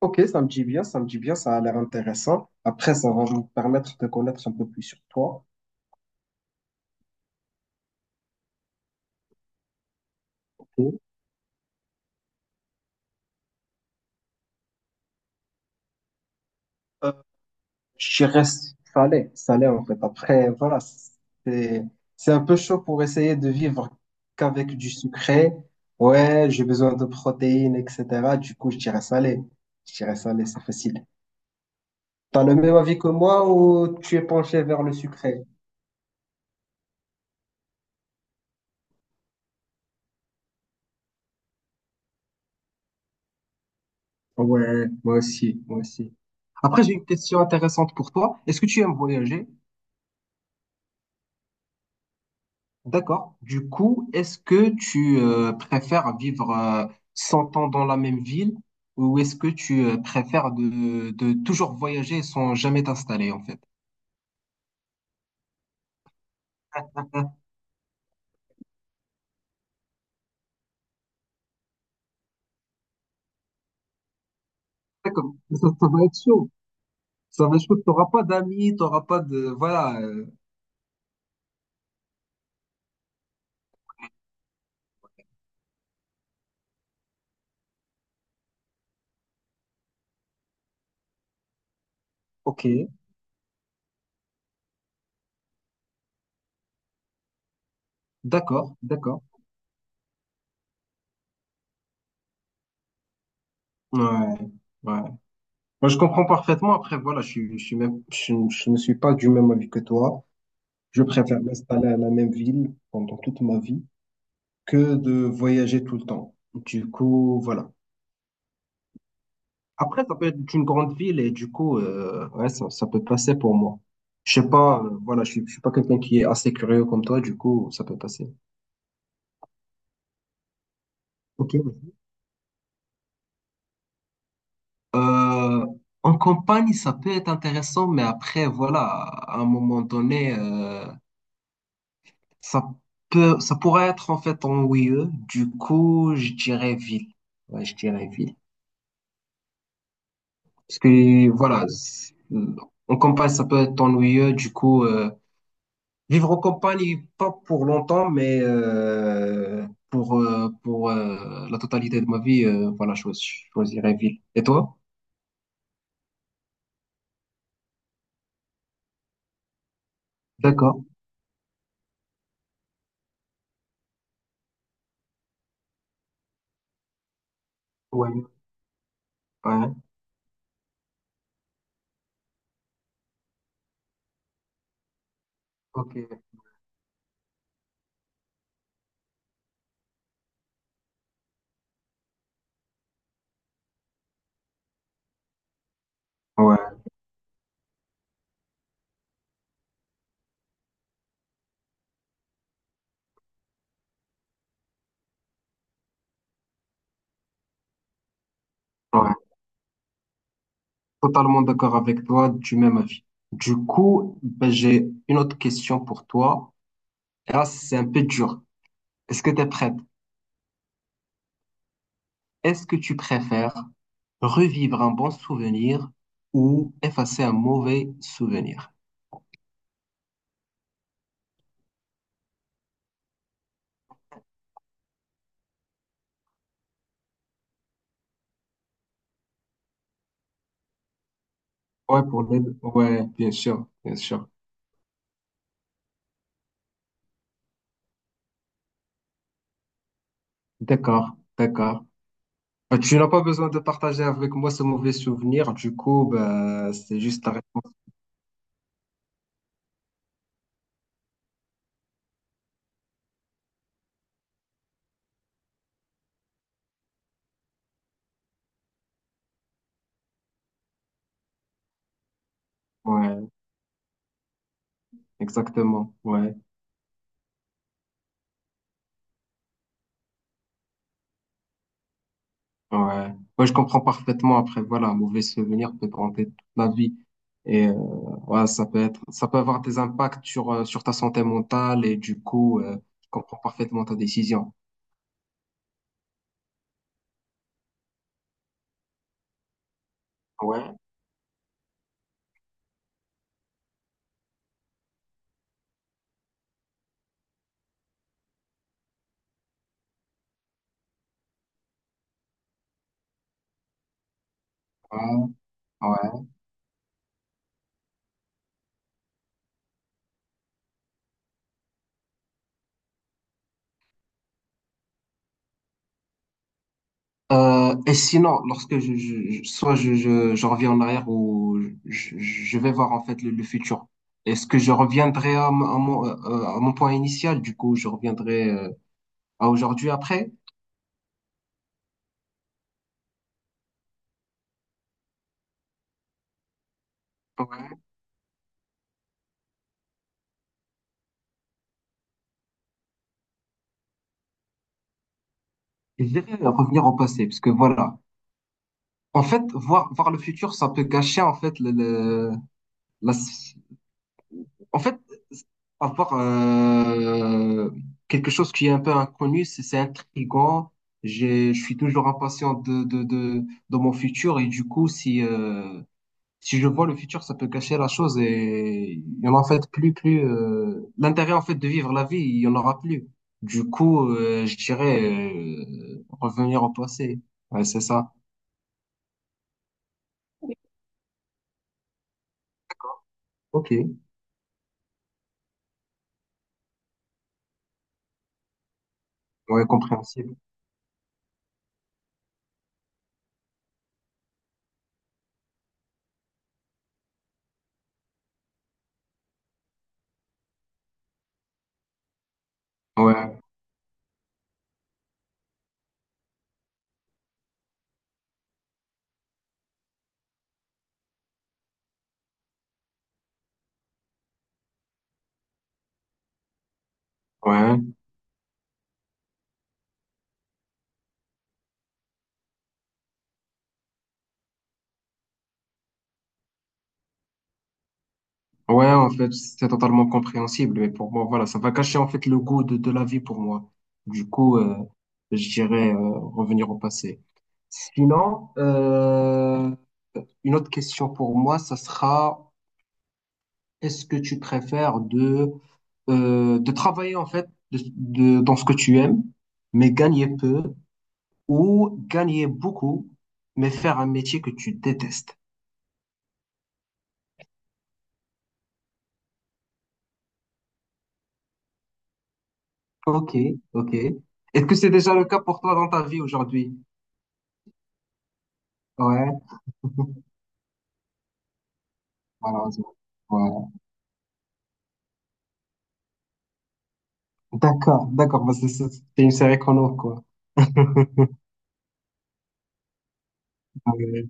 Ok, ça me dit bien, ça me dit bien, ça a l'air intéressant. Après, ça va me permettre de connaître un peu plus sur toi. Ok. Euh, je dirais salé en fait. Après, voilà, c'est un peu chaud pour essayer de vivre qu'avec du sucré. Ouais, j'ai besoin de protéines, etc. Du coup, je dirais salé. Je dirais salé, c'est facile. T'as le même avis que moi ou tu es penché vers le sucré? Ouais, moi aussi, moi aussi. Après, j'ai une question intéressante pour toi. Est-ce que tu aimes voyager? D'accord. Du coup, est-ce que tu préfères vivre 100 ans dans la même ville ou est-ce que tu préfères de toujours voyager sans jamais t'installer en fait? D'accord. Ça va être chaud. Ça va être chaud. T'auras pas d'amis, t'auras pas de... ok. D'accord. D'accord. Ouais. Ouais. Moi, je comprends parfaitement. Après, voilà, je suis même, je ne suis pas du même avis que toi. Je préfère m'installer à la même ville pendant toute ma vie, que de voyager tout le temps. Du coup, voilà. Après, ça peut être une grande ville et du coup, ouais, ça peut passer pour moi. Je sais pas, voilà, je suis pas quelqu'un qui est assez curieux comme toi, du coup, ça peut passer. Ok. Euh, en campagne, ça peut être intéressant, mais après, voilà, à un moment donné, ça peut, ça pourrait être en fait ennuyeux. Du coup, je dirais ville. Ouais, je dirais ville. Parce que, voilà, en campagne, ça peut être ennuyeux. Du coup, vivre en campagne, pas pour longtemps, mais pour la totalité de ma vie, voilà, je choisirais ville. Et toi? D'accord. Ouais, ouais, ok. Ouais, ouais. Totalement d'accord avec toi, du même avis. Du coup, ben, j'ai une autre question pour toi. Et là, c'est un peu dur. Est-ce que tu es prête? Est-ce que tu préfères revivre un bon souvenir ou effacer un mauvais souvenir? Ouais, pour les... deux. Ouais, bien sûr, bien sûr. D'accord, d'accord. Bah, tu n'as pas besoin de partager avec moi ce mauvais souvenir, du coup, bah, c'est juste ta réponse. Ouais, exactement. Ouais, ouais. Moi, je comprends parfaitement. Après, voilà, un mauvais souvenir peut te hanter toute la vie. Et euh, ouais, ça peut être, ça peut avoir des impacts sur, sur ta santé mentale et du coup, je comprends parfaitement ta décision. Ouais, ouais, ouais. Et sinon, lorsque soit je reviens en arrière ou je vais voir en fait le futur, est-ce que je reviendrai à, à mon point initial? Du coup, je reviendrai à aujourd'hui après? Ouais. Je dirais revenir au passé, parce que voilà. En fait, voir le futur, ça peut gâcher en fait la, en fait, avoir quelque chose qui est un peu inconnu, c'est intriguant. Je suis toujours impatient de mon futur et du coup, si je vois le futur, ça peut gâcher la chose et il y en a en fait plus, l'intérêt en fait de vivre la vie, il y en aura plus. Du coup, je dirais revenir au passé. Ouais, c'est ça. Ok. Ouais, compréhensible. Ouais, ouais. Ouais, en fait, c'est totalement compréhensible, mais pour moi, voilà, ça va cacher en fait le goût de la vie pour moi. Du coup, je dirais revenir au passé. Sinon, une autre question pour moi, ça sera, est-ce que tu préfères de travailler en fait dans ce que tu aimes, mais gagner peu, ou gagner beaucoup, mais faire un métier que tu détestes? Ok, ok. Est-ce que c'est déjà le cas pour toi dans ta vie aujourd'hui? Ouais. Malheureusement. Ouais. D'accord, d'accord, parce que c'est une série qu'on a, quoi. Ouais,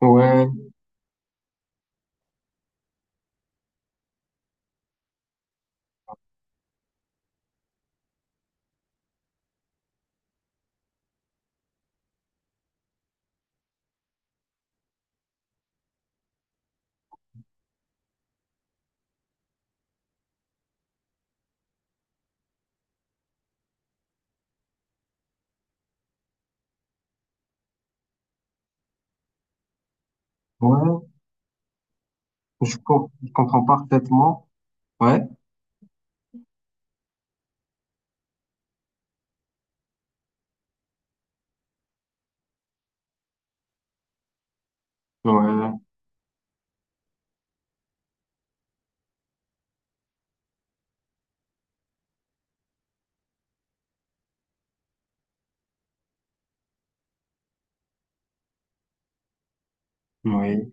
ouais, ouais, je comprends parfaitement. Ouais, ouais, oui,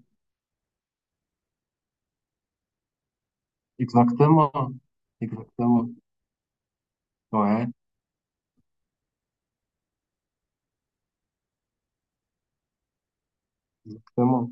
exactement, exactement, ouais, exactement.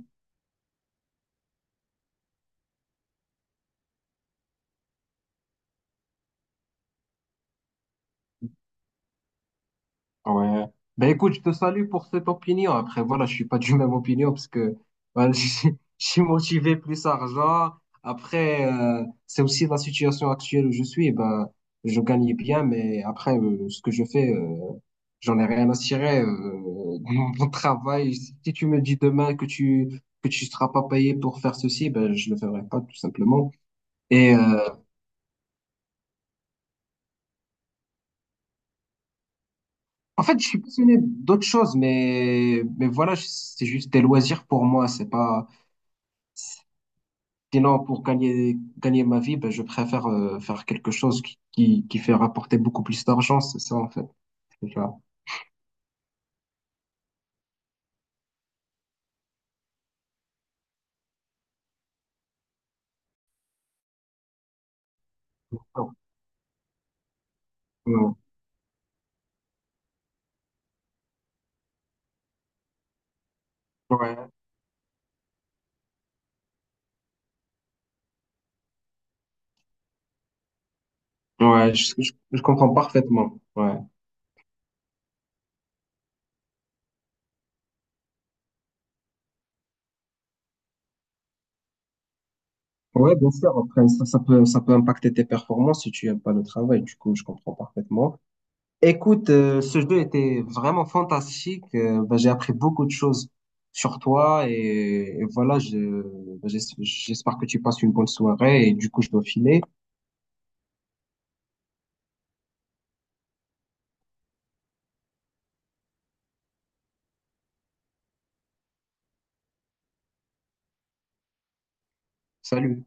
Ouais. Ben écoute, je te salue pour cette opinion. Après, voilà, je suis pas du même opinion parce que voilà, je suis motivé plus argent. Après, c'est aussi la situation actuelle où je suis. Ben, je gagne bien, mais après, ce que je fais, j'en ai rien à tirer. Mon travail, si tu me dis demain que tu seras pas payé pour faire ceci, ben je le ferai pas tout simplement. Et euh, en fait, je suis passionné d'autres choses, mais voilà, c'est juste des loisirs pour moi. C'est pas. Sinon, pour gagner ma vie, ben, je préfère faire quelque chose qui fait rapporter beaucoup plus d'argent, c'est ça en fait. Tu vois. Ouais, ouais, ouais, je comprends parfaitement. Ouais. Ouais, bien sûr. Après, ça, ça peut impacter tes performances si tu aimes pas le travail. Du coup, je comprends parfaitement. Écoute, ce jeu était vraiment fantastique. Ben, j'ai appris beaucoup de choses sur toi et voilà, je, ben, j'espère que tu passes une bonne soirée et du coup, je dois filer. Salut.